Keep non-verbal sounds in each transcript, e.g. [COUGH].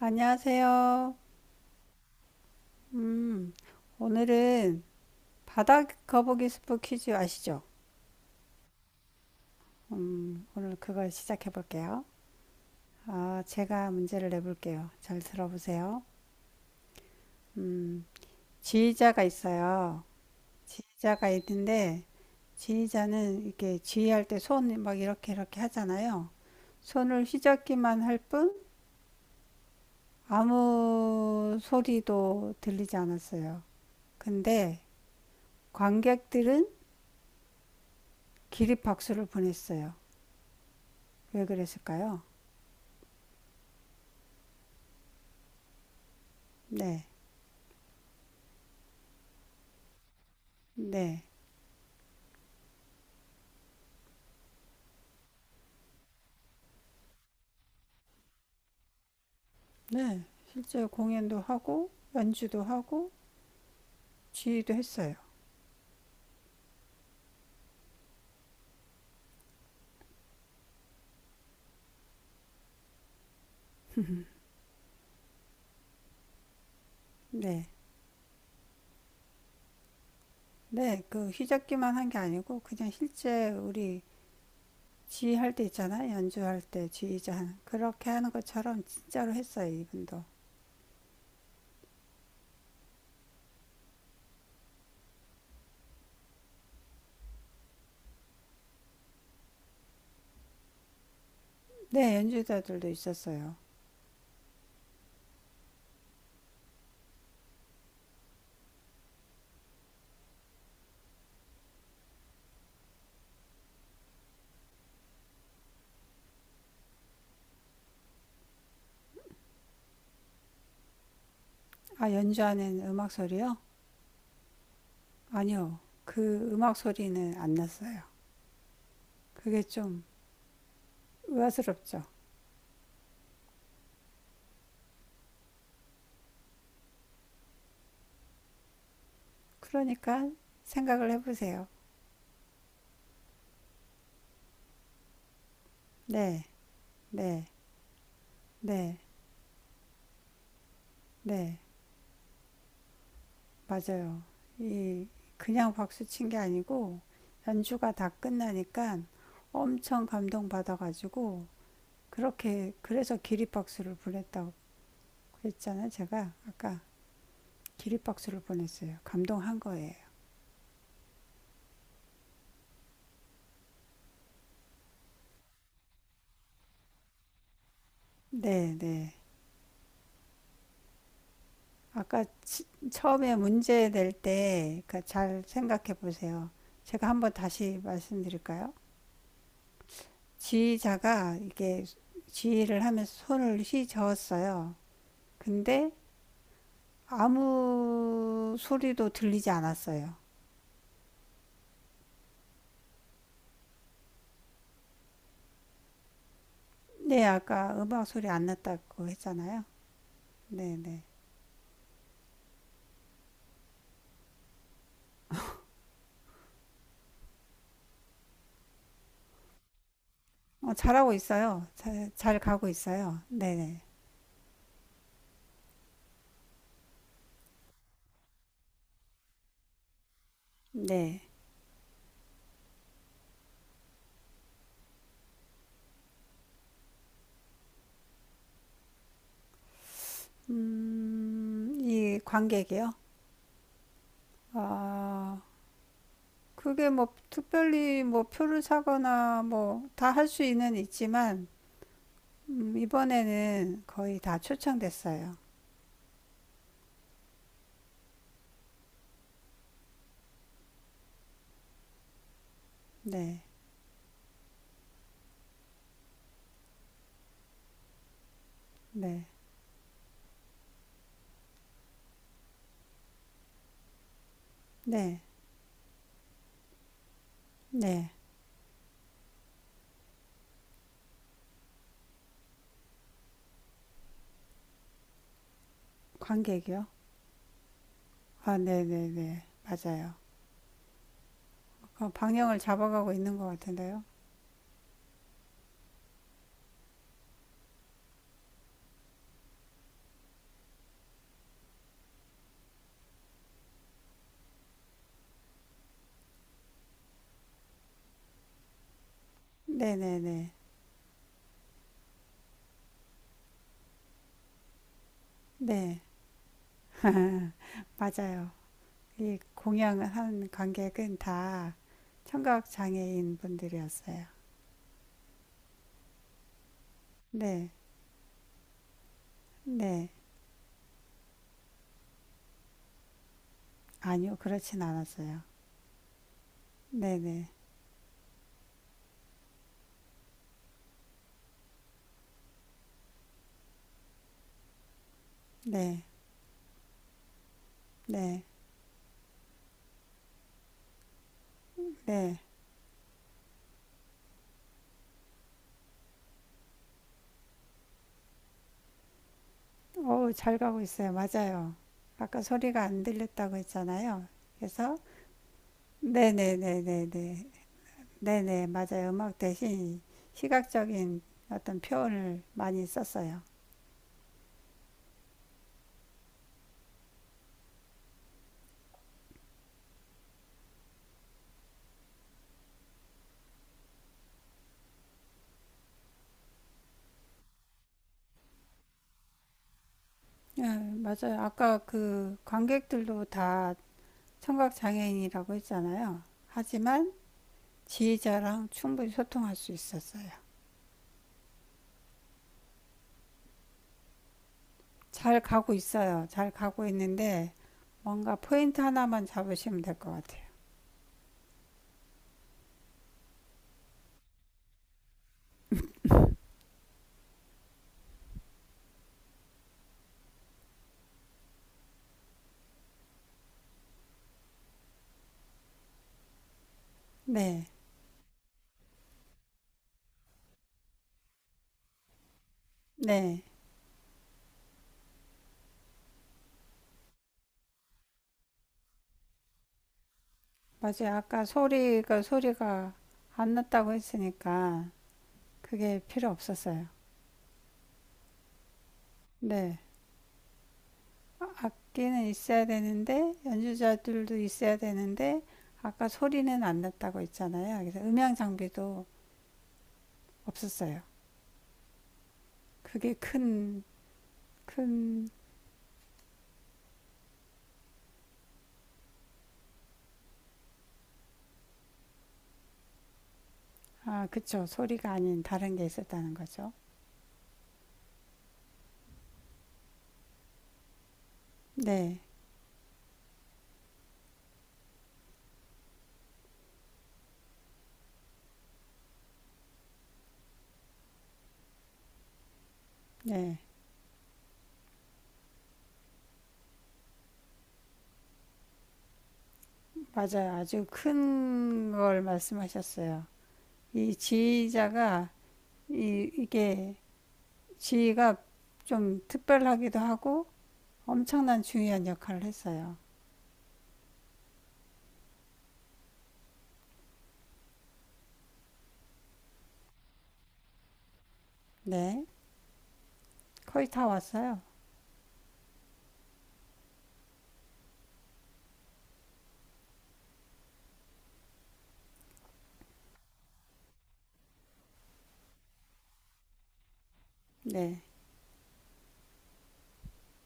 안녕하세요. 음, 오늘은 바다 거북이 스프 퀴즈 아시죠? 오늘 그걸 시작해 볼게요. 아, 제가 문제를 내볼게요. 잘 들어보세요. 음, 지휘자가 있어요. 지휘자가 있는데, 지휘자는 이렇게 지휘할 때 손 막 이렇게 이렇게 하잖아요. 손을 휘젓기만 할 뿐, 아무 소리도 들리지 않았어요. 근데 관객들은 기립박수를 보냈어요. 왜 그랬을까요? 네, 네, 네. 실제 공연도 하고 연주도 하고 지휘도 했어요. 네, 네. 그 휘잡기만 한 게 아니고 그냥 실제 우리 지휘할 때 있잖아요. 연주할 때 지휘자 하는 그렇게 하는 것처럼 진짜로 했어요. 이분도. 네, 연주자들도 있었어요. 아, 연주 안에는 음악 소리요? 아니요. 그 음악 소리는 안 났어요. 그게 좀 의아스럽죠. 그러니까 생각을 해보세요. 네, 네, 네. 네, 맞아요. 이 그냥 박수 친 게 아니고 연주가 다 끝나니까 엄청 감동받아가지고 그렇게 그래서 기립박수를 보냈다고 했잖아요. 제가 아까 기립박수를 보냈어요. 감동한 거예요. 네, 네. 아까 처음에 문제 낼때 그러니까 잘 생각해 보세요. 제가 한번 다시 말씀드릴까요? 지휘자가 이게 지휘를 하면서 손을 휘저었어요. 근데 아무 소리도 들리지 않았어요. 네, 아까 음악 소리 안 났다고 했잖아요. 네, 네. 어, 잘하고 있어요. 잘 가고 있어요. 네, 네. 네. 이 관객이요? 아, 그게 뭐 특별히 뭐 표를 사거나 뭐 다 할 수 있는 있지만 이번에는 거의 다 초청됐어요. 네, 네, 네, 네. 관객이요? 아, 네, 네, 네. 맞아요. 어, 방향을 잡아가고 있는 것 같은데요. 네네네. 네, 맞아요. 이 공양한 관객은 다 청각 장애인 분들이었어요. 네, 네. 아니요, 그렇진 않았어요. 네네. 네, 네, 네. 어우, 잘 가고 있어요. 맞아요. 아까 소리가 안 들렸다고 했잖아요. 그래서 네네네네네. 네네, 맞아요. 음악 대신 시각적인 어떤 표현을 많이 썼어요. 네, 맞아요. 아까 그 관객들도 다 청각 장애인이라고 했잖아요. 하지만 지휘자랑 충분히 소통할 수 있었어요. 잘 가고 있어요. 잘 가고 있는데 뭔가 포인트 하나만 잡으시면 될 것 같아요. 네, 네, 맞아요. 아까 소리가 안 났다고 했으니까 그게 필요 없었어요. 네, 악기는 있어야 되는데 연주자들도 있어야 되는데 아까 소리는 안 났다고 했잖아요. 그래서 음향 장비도 없었어요. 그게 큰, 아, 그쵸. 소리가 아닌 다른 게 있었다는 거죠. 네, 네. 맞아요. 아주 큰 걸 말씀하셨어요. 이 지휘자가, 이게 지휘가 좀 특별하기도 하고 엄청난 중요한 역할을 했어요. 네. 거의 다 왔어요. 네,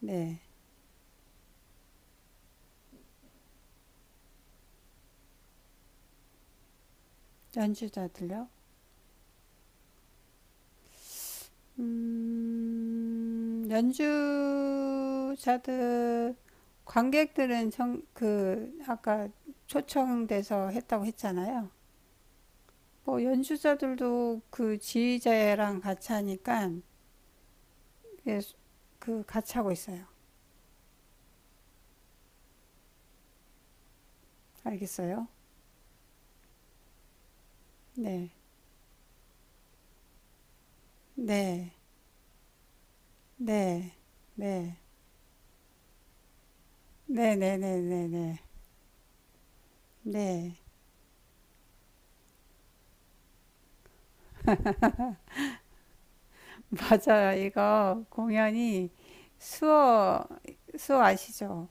네. 연주자들요? 연주자들 관객들은 그 아까 초청돼서 했다고 했잖아요. 뭐 연주자들도 그 지휘자랑 같이 하니까 예, 그 같이 하고 있어요. 알겠어요? 네, 네, 네, 네, 네, 네, 네, 네, 네, 네. [LAUGHS] 맞아요. 이거 공연이 수어 수어 아시죠?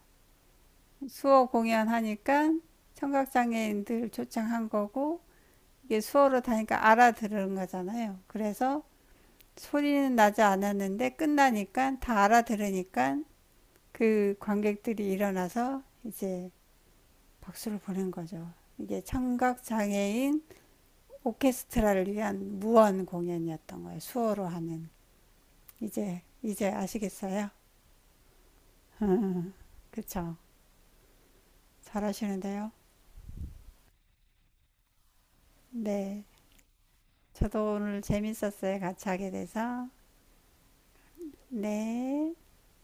수어 공연하니까 청각장애인들 초청한 거고 이게 수어로 다니까 알아들은 거잖아요. 그래서 소리는 나지 않았는데 끝나니까 다 알아들으니까 그 관객들이 일어나서 이제 박수를 보낸 거죠. 이게 청각장애인 오케스트라를 위한 무언 공연이었던 거예요. 수어로 하는. 이제 아시겠어요? 그쵸? 잘하시는데요? 네. 저도 오늘 재밌었어요. 같이 하게 돼서. 네.